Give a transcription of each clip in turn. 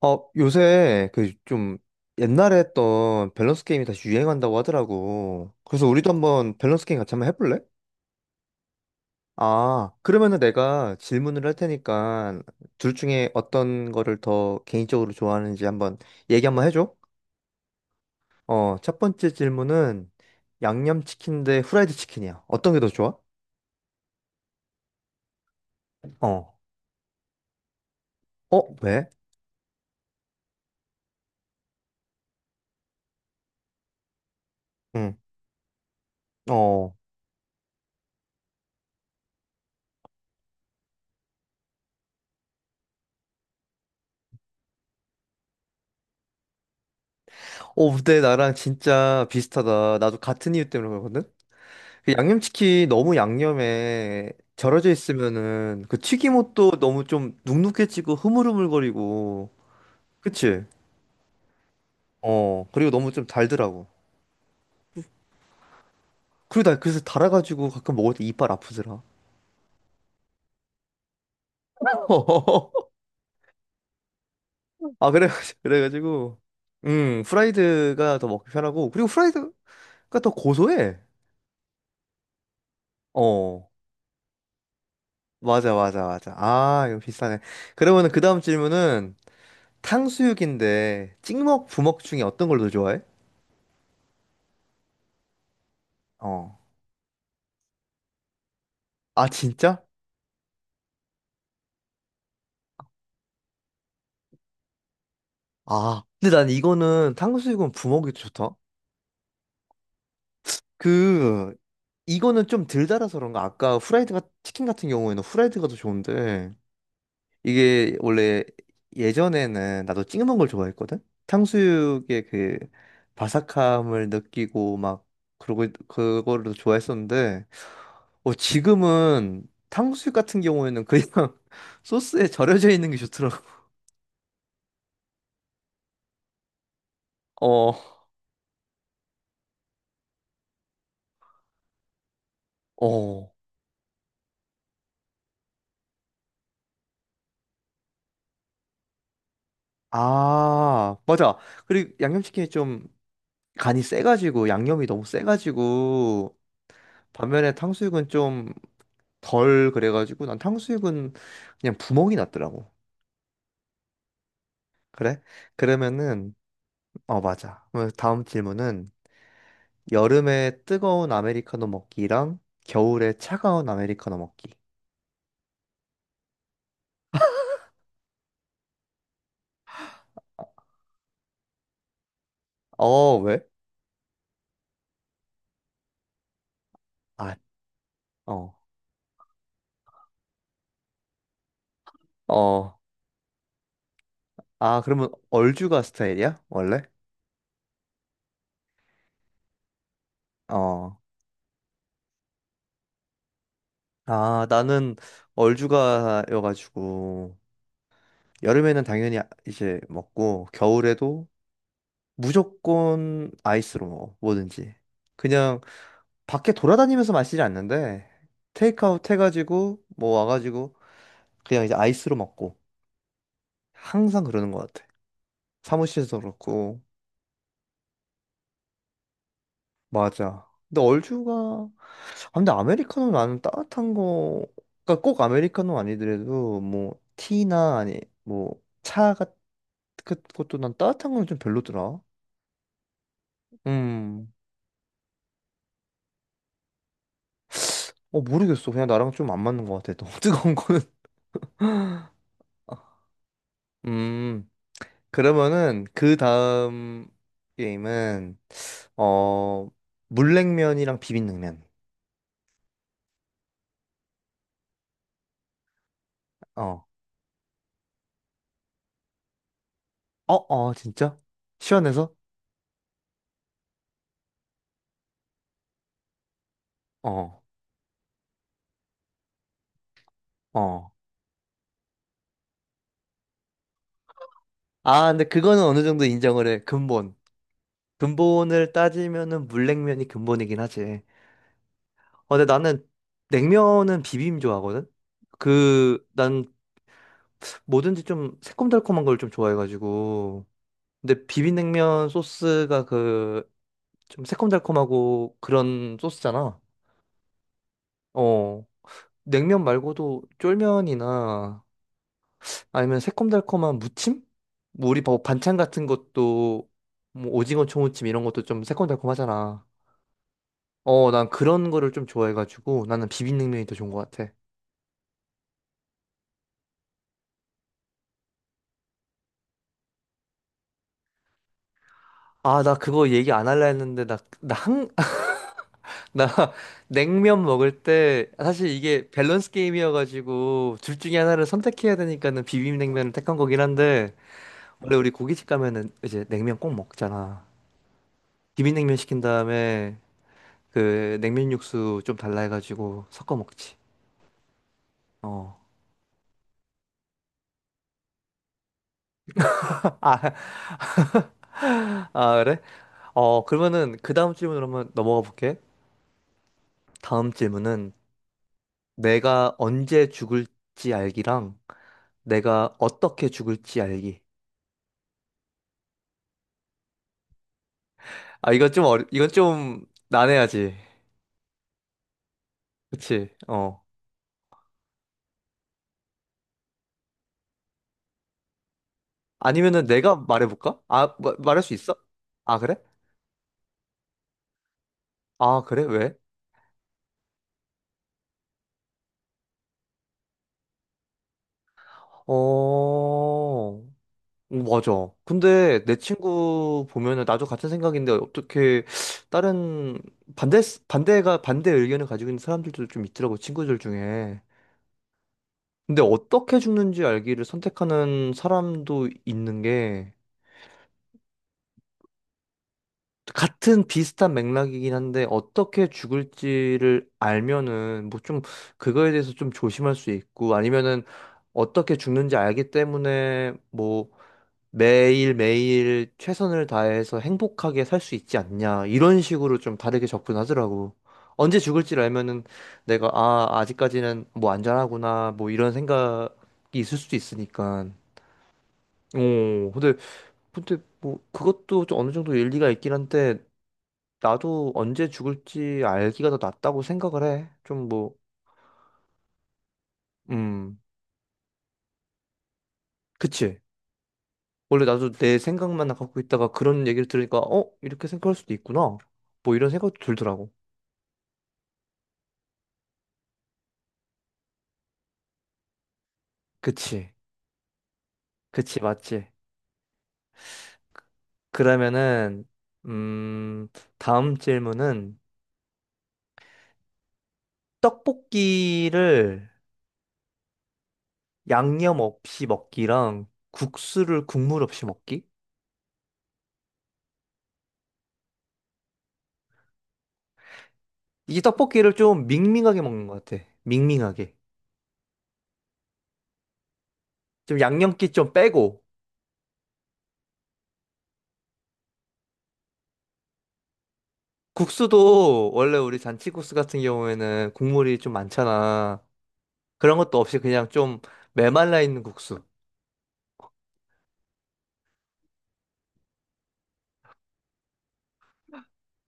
요새 그 좀 옛날에 했던 밸런스 게임이 다시 유행한다고 하더라고. 그래서 우리도 한번 밸런스 게임 같이 한번 해볼래? 아, 그러면은 내가 질문을 할 테니까 둘 중에 어떤 거를 더 개인적으로 좋아하는지 한번 얘기 한번 해줘. 첫 번째 질문은 양념치킨 대 후라이드 치킨이야. 어떤 게 더 좋아? 어. 왜? 응. 어. 근데 나랑 진짜 비슷하다. 나도 같은 이유 때문에 그러거든? 그 양념치킨 너무 양념에 절여져 있으면은 그 튀김옷도 너무 좀 눅눅해지고 흐물흐물거리고 그치? 그리고 너무 좀 달더라고. 그리고 나 그래서 달아가지고 가끔 먹을 때 이빨 아프더라. 아, 그래. 그래가지고 프라이드가 더 먹기 편하고 그리고 프라이드가 더 고소해. 어 맞아, 맞아, 맞아. 아, 이거 비싸네. 그러면은 그 다음 질문은 탕수육인데 찍먹 부먹 중에 어떤 걸 더 좋아해? 어. 아, 진짜? 아, 근데 난 이거는 탕수육은 부먹이 좋다. 그 이거는 좀 덜 달아서 그런가? 아까 후라이드가 치킨 같은 경우에는 후라이드가 더 좋은데 이게 원래 예전에는 나도 찍먹은 걸 좋아했거든. 탕수육의 그 바삭함을 느끼고 막 그러고 그거를 더 좋아했었는데 지금은 탕수육 같은 경우에는 그냥 소스에 절여져 있는 게 좋더라고. 어, 어. 아, 맞아. 그리고 양념치킨이 좀 간이 세가지고 양념이 너무 세가지고 반면에 탕수육은 좀 덜 그래가지고 난 탕수육은 그냥 구멍이 났더라고. 그래? 그러면은 맞아. 그러면 다음 질문은 여름에 뜨거운 아메리카노 먹기랑 겨울에 차가운 아메리카노 먹기. 왜? 아, 어. 어. 아, 그러면 얼죽아 스타일이야? 원래? 어. 아, 나는 얼죽아여가지고 여름에는 당연히 이제 먹고 겨울에도 무조건 아이스로 먹어, 뭐든지. 그냥 밖에 돌아다니면서 마시지 않는데, 테이크아웃 해가지고, 뭐 와가지고, 그냥 이제 아이스로 먹고. 항상 그러는 것 같아. 사무실에서 그렇고. 맞아. 근데 아, 근데 아메리카노 나는 따뜻한 거, 그러니까 꼭 아메리카노 아니더라도, 뭐, 티나, 아니, 뭐, 차 같은 것도 난 따뜻한 거는 좀 별로더라. 음, 모르겠어. 그냥 나랑 좀 안 맞는 것 같아. 너무 뜨거운 거는. 아, 음. 그러면은 그 다음 게임은 어 물냉면이랑 비빔냉면. 어. 어, 어, 진짜? 시원해서? 어. 어. 아, 근데 그거는 어느 정도 인정을 해. 근본. 근본을 따지면은 물냉면이 근본이긴 하지. 근데 나는 냉면은 비빔 좋아하거든. 난 뭐든지 좀 새콤달콤한 걸 좀 좋아해가지고. 근데 비빔냉면 소스가 좀 새콤달콤하고 그런 소스잖아. 어, 냉면 말고도 쫄면이나 아니면 새콤달콤한 무침? 뭐 우리 뭐 반찬 같은 것도 뭐 오징어 초무침 이런 것도 좀 새콤달콤하잖아. 난 그런 거를 좀 좋아해가지고 나는 비빔냉면이 더 좋은 것 같아. 아, 나 그거 얘기 안 할라 했는데 나 냉면 먹을 때 사실 이게 밸런스 게임이어가지고 둘 중에 하나를 선택해야 되니까는 비빔냉면을 택한 거긴 한데 원래 우리 고깃집 가면은 이제 냉면 꼭 먹잖아. 비빔냉면 시킨 다음에 그 냉면 육수 좀 달라 해가지고 섞어 먹지. 어. 아, 아, 그래? 그러면은 그 다음 질문으로 한번 넘어가 볼게. 다음 질문은 내가 언제 죽을지 알기랑 내가 어떻게 죽을지 알기. 아, 이건 좀 난해하지. 그치? 어. 아니면은 내가 말해볼까? 아, 말할 수 있어? 아, 그래? 아, 그래? 왜? 어. 오, 맞아. 근데 내 친구 보면은 나도 같은 생각인데 어떻게 다른 반대 반대가 반대 의견을 가지고 있는 사람들도 좀 있더라고 친구들 중에. 근데 어떻게 죽는지 알기를 선택하는 사람도 있는 게 같은 비슷한 맥락이긴 한데 어떻게 죽을지를 알면은 뭐 좀 그거에 대해서 좀 조심할 수 있고 아니면은 어떻게 죽는지 알기 때문에 뭐 매일매일 최선을 다해서 행복하게 살 수 있지 않냐. 이런 식으로 좀 다르게 접근하더라고. 언제 죽을지를 알면은 아, 아직까지는 뭐 안전하구나. 뭐 이런 생각이 있을 수도 있으니까. 오, 근데 뭐 그것도 좀 어느 정도 일리가 있긴 한데, 나도 언제 죽을지 알기가 더 낫다고 생각을 해. 좀 뭐, 음, 그치. 원래 나도 내 생각만 갖고 있다가 그런 얘기를 들으니까, 어? 이렇게 생각할 수도 있구나. 뭐 이런 생각도 들더라고. 그치. 그치, 맞지. 그러면은, 음, 다음 질문은 떡볶이를 양념 없이 먹기랑 국수를 국물 없이 먹기? 이게 떡볶이를 좀 밍밍하게 먹는 것 같아. 밍밍하게. 좀 양념기 좀 빼고. 국수도 원래 우리 잔치국수 같은 경우에는 국물이 좀 많잖아. 그런 것도 없이 그냥 좀 메말라 있는 국수.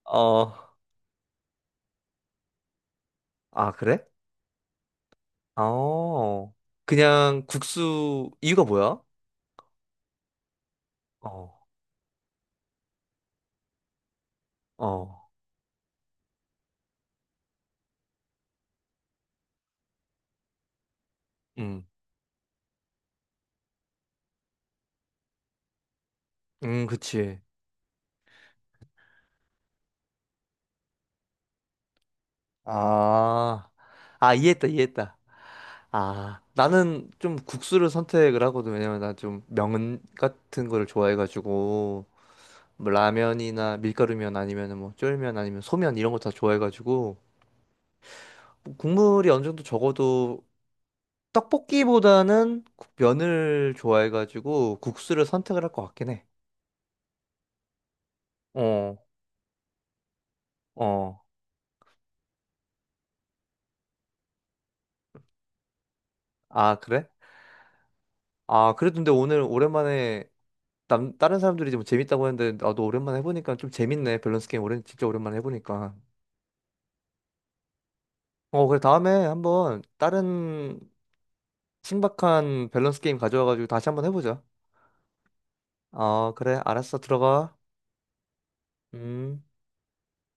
어, 아, 그래? 어, 그냥 국수, 이유가 뭐야? 어, 어, 음, 그치. 아, 아, 이해했다, 이해했다. 아, 나는 좀 국수를 선택을 하거든. 왜냐면 나 좀 면 같은 거를 좋아해가지고, 뭐 라면이나 밀가루면 아니면 뭐 쫄면 아니면 소면 이런 거 다 좋아해가지고, 뭐 국물이 어느 정도 적어도 떡볶이보다는 면을 좋아해가지고 국수를 선택을 할 것 같긴 해. 어, 어. 아, 그래? 아, 그래도 근데 오늘 오랜만에 다른 사람들이 뭐 재밌다고 했는데 나도 오랜만에 해보니까 좀 재밌네. 밸런스 게임 오랜 진짜 오랜만에 해보니까. 그래. 다음에 한번 다른 신박한 밸런스 게임 가져와가지고 다시 한번 해보자. 그래, 알았어. 들어가. 음.